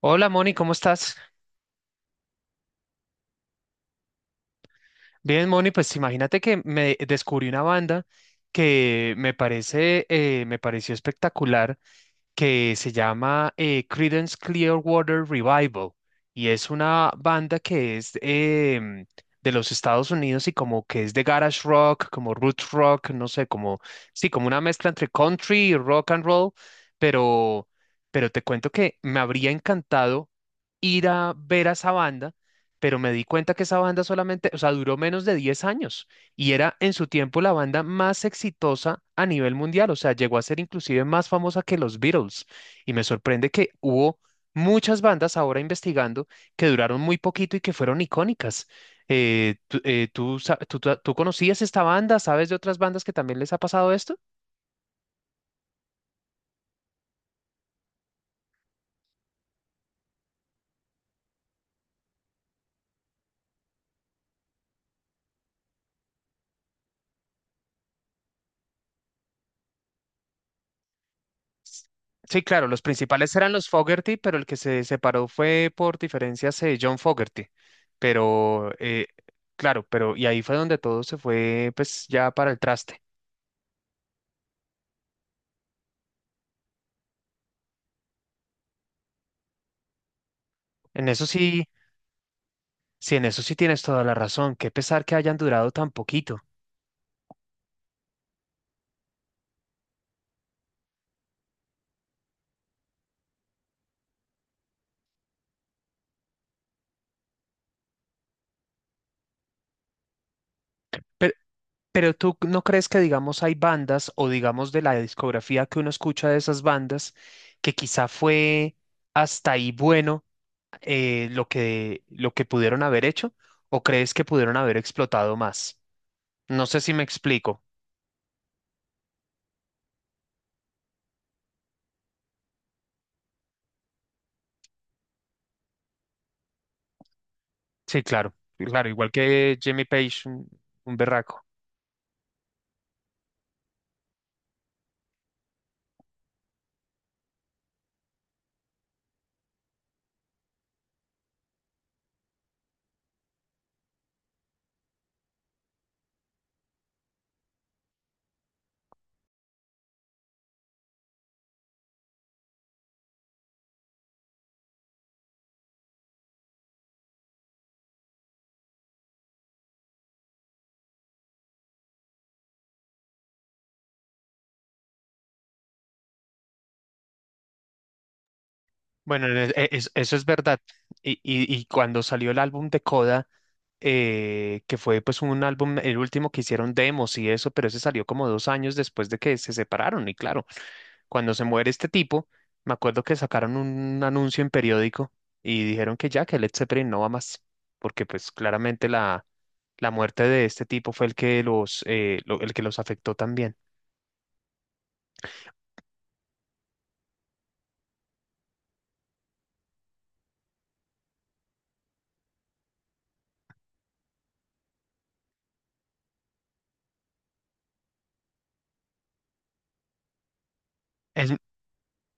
Hola Moni, ¿cómo estás? Bien, Moni, pues imagínate que me descubrí una banda que me parece, me pareció espectacular que se llama Creedence Clearwater Revival y es una banda que es em, de los Estados Unidos y como que es de garage rock, como roots rock, no sé, como sí, como una mezcla entre country y rock and roll, pero pero te cuento que me habría encantado ir a ver a esa banda, pero me di cuenta que esa banda solamente, o sea, duró menos de 10 años. Y era en su tiempo la banda más exitosa a nivel mundial, o sea, llegó a ser inclusive más famosa que los Beatles. Y me sorprende que hubo muchas bandas ahora investigando que duraron muy poquito y que fueron icónicas. Tú, tú conocías esta banda? ¿Sabes de otras bandas que también les ha pasado esto? Sí, claro, los principales eran los Fogerty, pero el que se separó fue por diferencias John Fogerty. Pero, eh, claro, pero y ahí fue donde todo se fue, pues ya para el traste. En eso sí, sí, en eso sí tienes toda la razón. Qué pesar que hayan durado tan poquito. Pero, pero tú no crees que, digamos, hay bandas o, digamos, de la discografía que uno escucha de esas bandas que quizá fue hasta ahí bueno lo que pudieron haber hecho o crees que pudieron haber explotado más. No sé si me explico. Sí, claro, claro, igual que Jimmy Page, un berraco. Bueno, eso es verdad. Y cuando salió el álbum de Coda, que fue pues un álbum, el último que hicieron demos y eso, pero ese salió como dos años después de que se separaron. Y claro, cuando se muere este tipo, me acuerdo que sacaron un anuncio en periódico y dijeron que ya, que Led Zeppelin no va más, porque pues claramente la muerte de este tipo fue el que los, el que los afectó también. Es,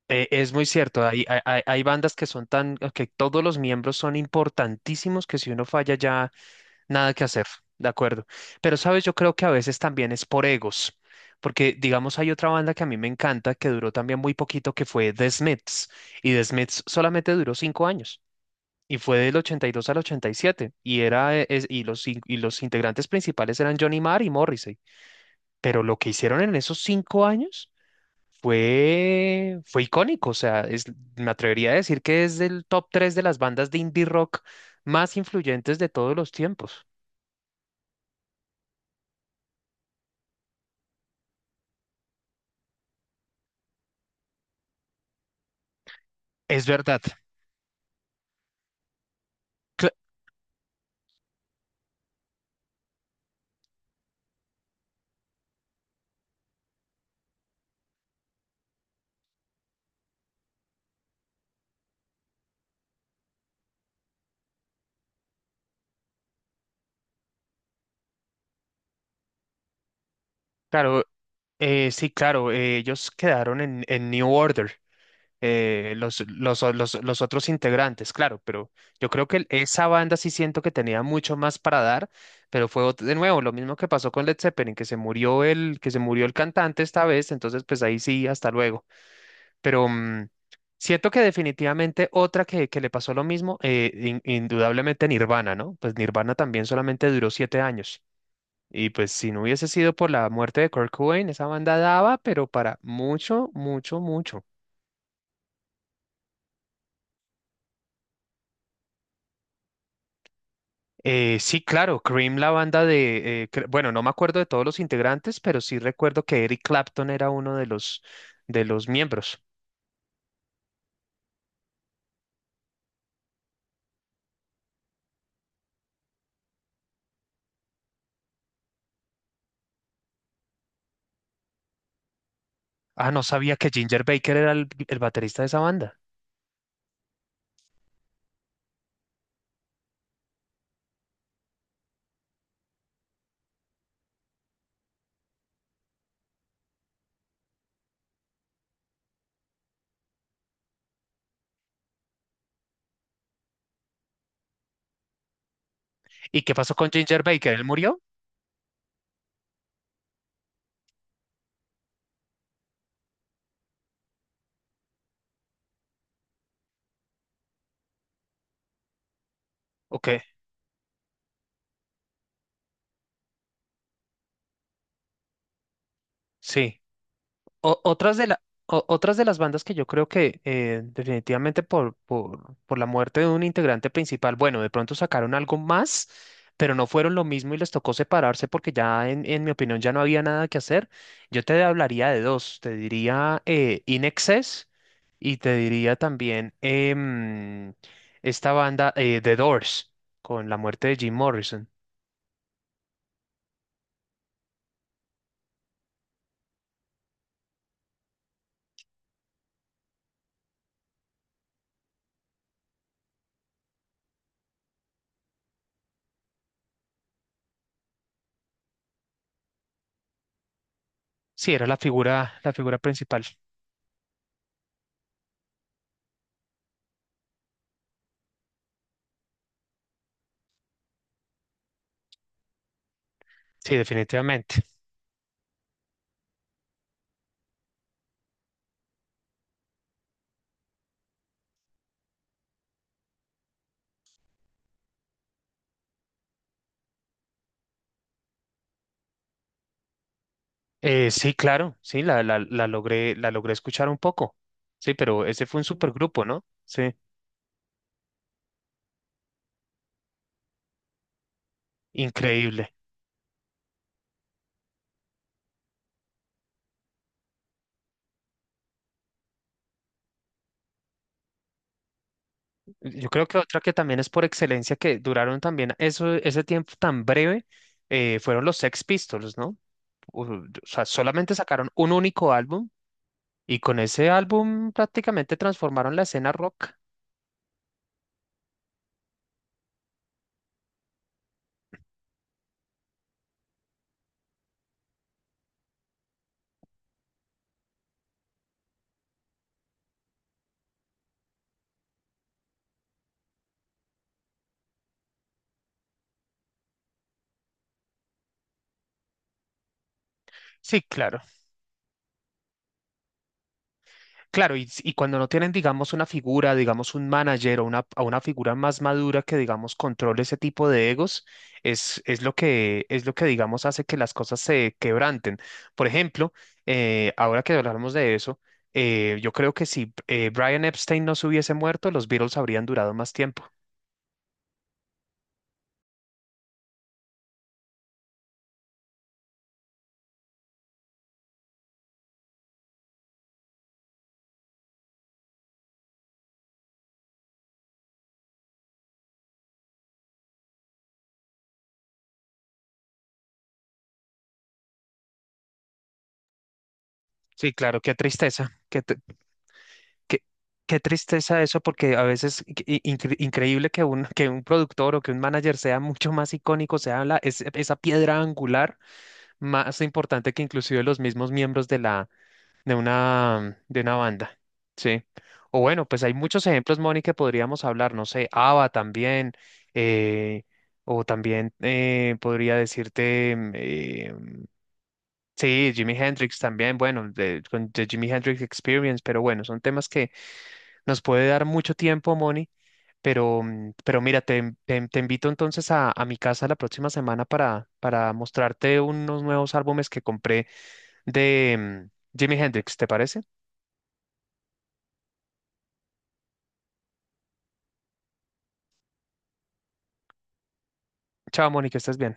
es muy cierto, hay bandas que son tan, que todos los miembros son importantísimos que si uno falla ya nada que hacer, de acuerdo. Pero, sabes, yo creo que a veces también es por egos, porque digamos hay otra banda que a mí me encanta, que duró también muy poquito, que fue The Smiths, y The Smiths solamente duró cinco años, y fue del 82 al ochenta y, siete, y, y los integrantes principales eran Johnny Marr y Morrissey, pero lo que hicieron en esos cinco años fue icónico, o sea, es, me atrevería a decir que es del top 3 de las bandas de indie rock más influyentes de todos los tiempos. Es verdad. Claro, sí, claro, ellos quedaron en New Order, los otros integrantes, claro, pero yo creo que esa banda sí siento que tenía mucho más para dar, pero de nuevo lo mismo que pasó con Led Zeppelin, que se murió el cantante esta vez, entonces pues ahí sí, hasta luego. Pero siento que definitivamente otra que le pasó lo mismo, indudablemente Nirvana, ¿no? Pues Nirvana también solamente duró siete años. Y pues si no hubiese sido por la muerte de Kurt Cobain, esa banda daba, pero para mucho, mucho, mucho. Sí, claro, Cream, la banda de, cre- bueno, no me acuerdo de todos los integrantes, pero sí recuerdo que Eric Clapton era uno de los miembros. Ah, no sabía que Ginger Baker era el baterista de esa banda. ¿Y qué pasó con Ginger Baker? ¿Él murió? ¿O qué? Sí. O- otras de la, otras de las bandas que yo creo que definitivamente por la muerte de un integrante principal, bueno, de pronto sacaron algo más, pero no fueron lo mismo y les tocó separarse porque ya, en mi opinión, ya no había nada que hacer. Yo te hablaría de dos, te diría In Excess y te diría también esta banda The Doors, con la muerte de Jim Morrison. Sí, era la figura principal. Sí, definitivamente. Sí, claro, sí, la logré escuchar un poco. Sí, pero ese fue un supergrupo, ¿no? Sí, increíble. Yo creo que otra que también es por excelencia que duraron también eso, ese tiempo tan breve, fueron los Sex Pistols, ¿no? O sea, solamente sacaron un único álbum y con ese álbum prácticamente transformaron la escena rock. Sí, claro. Claro, y cuando no tienen, digamos, una figura, digamos, un manager o una figura más madura que, digamos, controle ese tipo de egos, es lo que, digamos, hace que las cosas se quebranten. Por ejemplo, ahora que hablamos de eso, yo creo que si Brian Epstein no se hubiese muerto, los Beatles habrían durado más tiempo. Sí, claro, qué tristeza, qué, qué, qué tristeza eso, porque a veces increíble que un, que un productor o que un manager sea mucho más icónico, sea esa piedra angular más importante que inclusive los mismos miembros de la, de una banda. Sí. O bueno, pues hay muchos ejemplos, Moni, que podríamos hablar, no sé, ABBA también, eh, o también podría decirte, sí, Jimi Hendrix también, bueno, de, con The Jimi Hendrix Experience, pero bueno, son temas que nos puede dar mucho tiempo, Moni, pero, pero mira, te invito entonces a mi casa la próxima semana para mostrarte unos nuevos álbumes que compré de Jimi Hendrix, ¿te parece? Chao, Moni, que estés bien.